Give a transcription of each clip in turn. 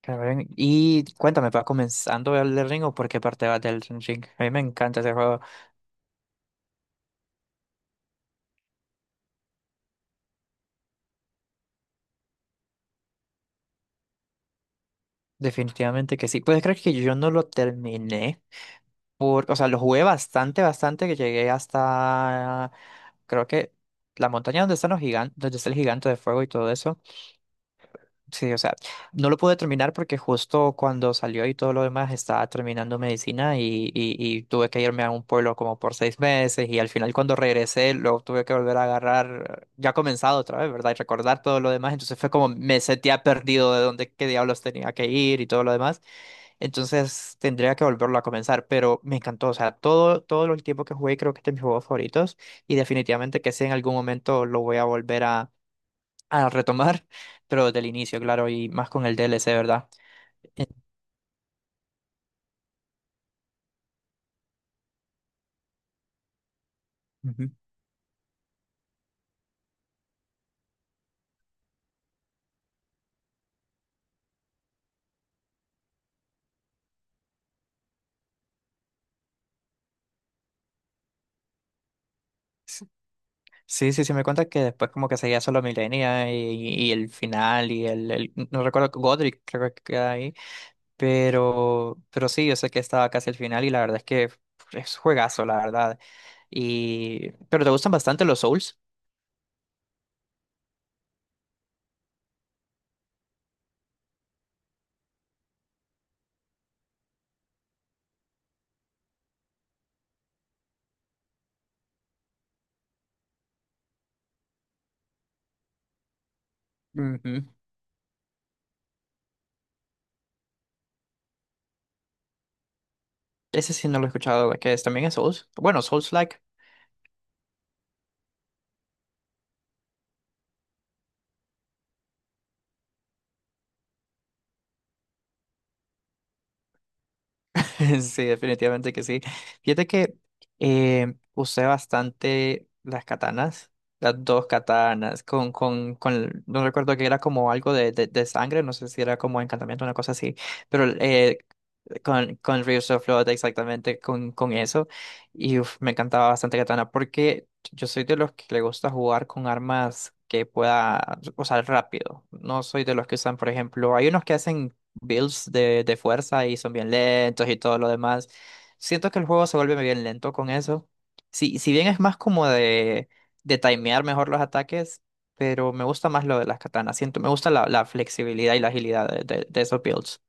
Claro, ven. Y cuéntame, ¿va comenzando el del Ring o por qué parte vas del Ring? A mí me encanta ese juego, definitivamente que sí. Puedes creer que yo no lo terminé, por, o sea, lo jugué bastante, bastante, que llegué hasta, creo que la montaña donde están los gigantes, donde está el gigante de fuego y todo eso. Sí, o sea, no lo pude terminar porque justo cuando salió y todo lo demás estaba terminando medicina y tuve que irme a un pueblo como por seis meses y al final cuando regresé lo tuve que volver a agarrar, ya comenzado otra vez, ¿verdad? Y recordar todo lo demás, entonces fue como me sentía perdido de dónde, qué diablos tenía que ir y todo lo demás, entonces tendría que volverlo a comenzar, pero me encantó, o sea, todo, todo el tiempo que jugué creo que este es de mis juegos favoritos y definitivamente que si en algún momento lo voy a volver a retomar, pero desde el inicio, claro, y más con el DLC, ¿verdad? En- Ujú. Sí, sí, sí, me cuenta que después como que seguía solo Milenia y el final y el no recuerdo, Godric creo que queda ahí, pero sí, yo sé que estaba casi el final y la verdad es que es juegazo, la verdad. Y, pero te gustan bastante los Souls. Ujú. Ese sí no lo he escuchado, que es, también es Souls. Bueno, Souls-like. Sí, definitivamente que sí. Fíjate que usé bastante las katanas, las dos katanas, con, no recuerdo que era como algo de, de sangre, no sé si era como encantamiento, una cosa así, pero con Reels of Love, exactamente con eso. Y uf, me encantaba bastante Katana porque yo soy de los que le gusta jugar con armas que pueda usar rápido. No soy de los que usan, por ejemplo, hay unos que hacen builds de, fuerza y son bien lentos y todo lo demás. Siento que el juego se vuelve bien lento con eso. Si, si bien es más como de timear mejor los ataques, pero me gusta más lo de las katanas. Siento, me gusta la, la flexibilidad y la agilidad de, de esos builds.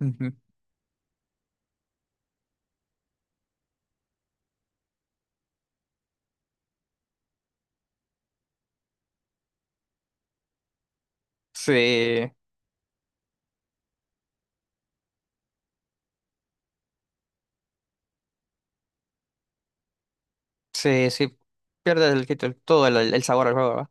Ujú. Sí. Sí, sí, pierdes el, todo el sabor al juego, ¿verdad?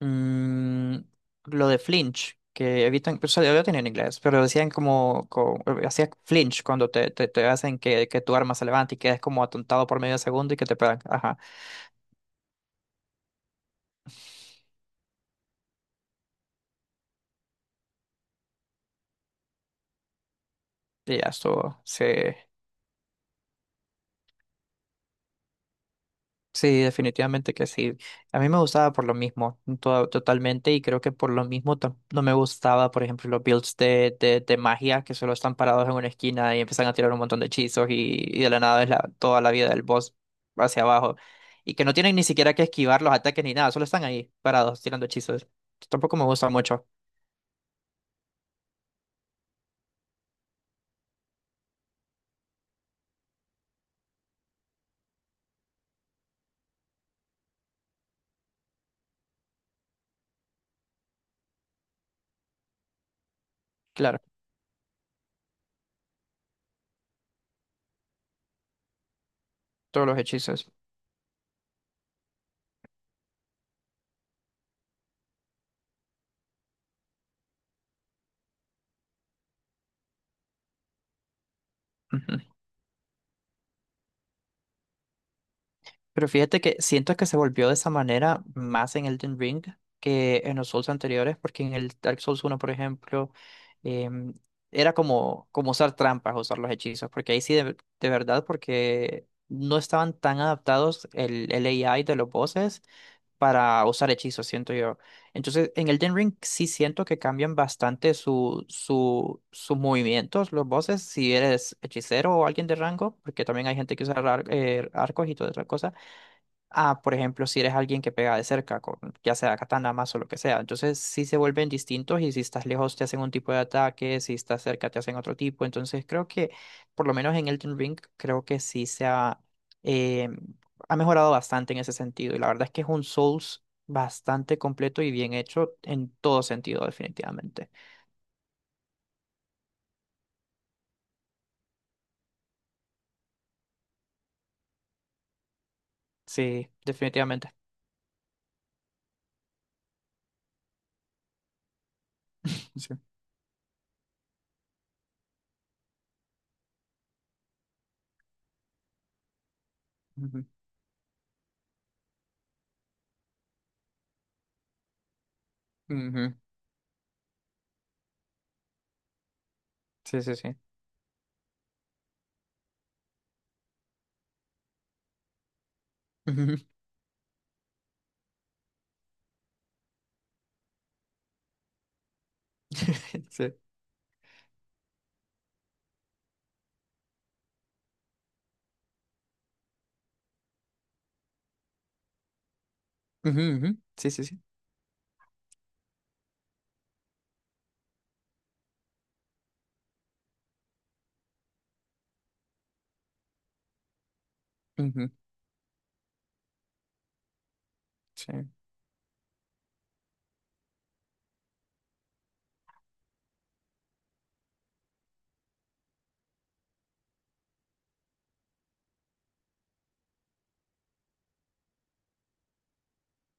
Mm, lo de flinch, que evitan, pues, yo lo tenía en inglés, pero decían como, hacías flinch cuando te, te hacen que tu arma se levante y quedes como atontado por medio segundo y que te pegan. Ajá, y ya estuvo, sí. Sí, definitivamente que sí. A mí me gustaba por lo mismo, totalmente, y creo que por lo mismo no me gustaba, por ejemplo, los builds de, de magia que solo están parados en una esquina y empiezan a tirar un montón de hechizos y de la nada es la, toda la vida del boss hacia abajo y que no tienen ni siquiera que esquivar los ataques ni nada, solo están ahí parados tirando hechizos. Tampoco me gusta mucho, claro, todos los hechizos. Pero fíjate que siento que se volvió de esa manera más en Elden Ring que en los Souls anteriores, porque en el Dark Souls uno por ejemplo, em, era como, como usar trampas, usar los hechizos, porque ahí sí, de verdad, porque no estaban tan adaptados el AI de los bosses para usar hechizos, siento yo. Entonces, en Elden Ring sí siento que cambian bastante su, su, sus movimientos, los bosses, si eres hechicero o alguien de rango, porque también hay gente que usa arcos y toda esa cosa a, por ejemplo, si eres alguien que pega de cerca, con, ya sea katana, mazo, lo que sea. Entonces sí se vuelven distintos y si estás lejos te hacen un tipo de ataque, si estás cerca te hacen otro tipo. Entonces creo que, por lo menos en Elden Ring, creo que sí se ha, eh, ha mejorado bastante en ese sentido. Y la verdad es que es un Souls bastante completo y bien hecho en todo sentido, definitivamente. Sí, definitivamente. Sí. Ujú. Ujú. Sí, sí, sí. Ujú. Sí. Ujú, ujú. Sí, sí, sí. Ujú. Sí.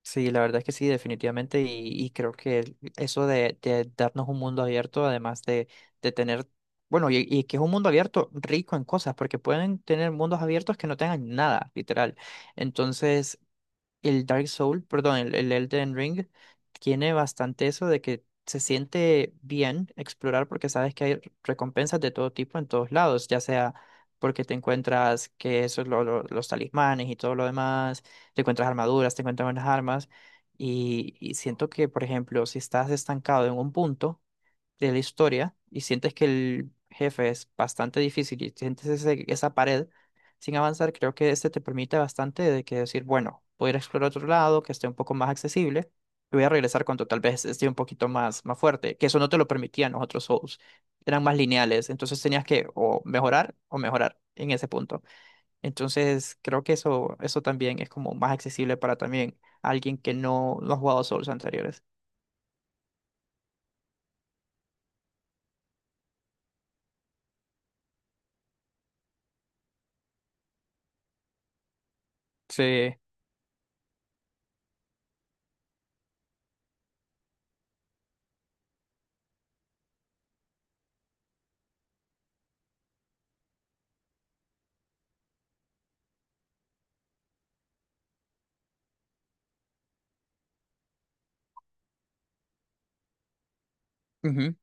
Sí, la verdad es que sí, definitivamente, y creo que el- eso de, darnos un mundo abierto, además de tener, bueno, y que es un mundo abierto rico en cosas, porque pueden tener mundos abiertos que no tengan nada, literal. Entonces, el Dark Soul, perdón, el Elden Ring, tiene bastante eso de que se siente bien explorar porque sabes que hay recompensas de todo tipo en todos lados, ya sea porque te encuentras que eso es los talismanes y todo lo demás, te encuentras armaduras, te encuentras buenas armas, y siento que, por ejemplo, si estás estancado en un punto, de la historia y sientes que el jefe es bastante difícil y sientes esa pared sin avanzar, creo que este te permite bastante de que decir, bueno, voy a ir a explorar otro lado que esté un poco más accesible y voy a regresar cuando tal vez esté un poquito más, más fuerte, que eso no te lo permitían los otros Souls, eran más lineales, entonces tenías que o mejorar en ese punto. Entonces creo que eso también es como más accesible para también alguien que no, no ha jugado Souls anteriores. Sí. Ujú.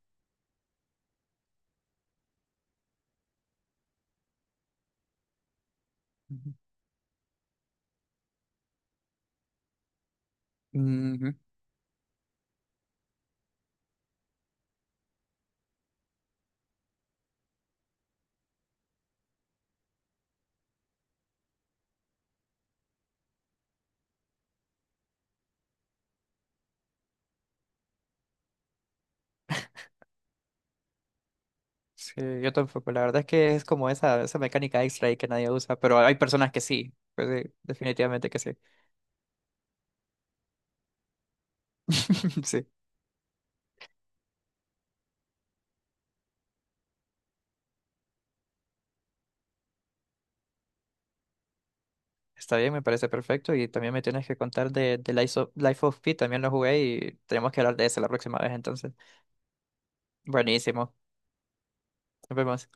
Ujú. Ujú. Sí, yo tampoco. La verdad es que es como esa mecánica extra ahí que nadie usa, pero hay personas que sí. Pues sí, definitivamente que sí. Sí, está bien, me parece perfecto. Y también me tienes que contar de Life of, Pi, también lo jugué y tenemos que hablar de eso la próxima vez entonces. Buenísimo. Nos vemos.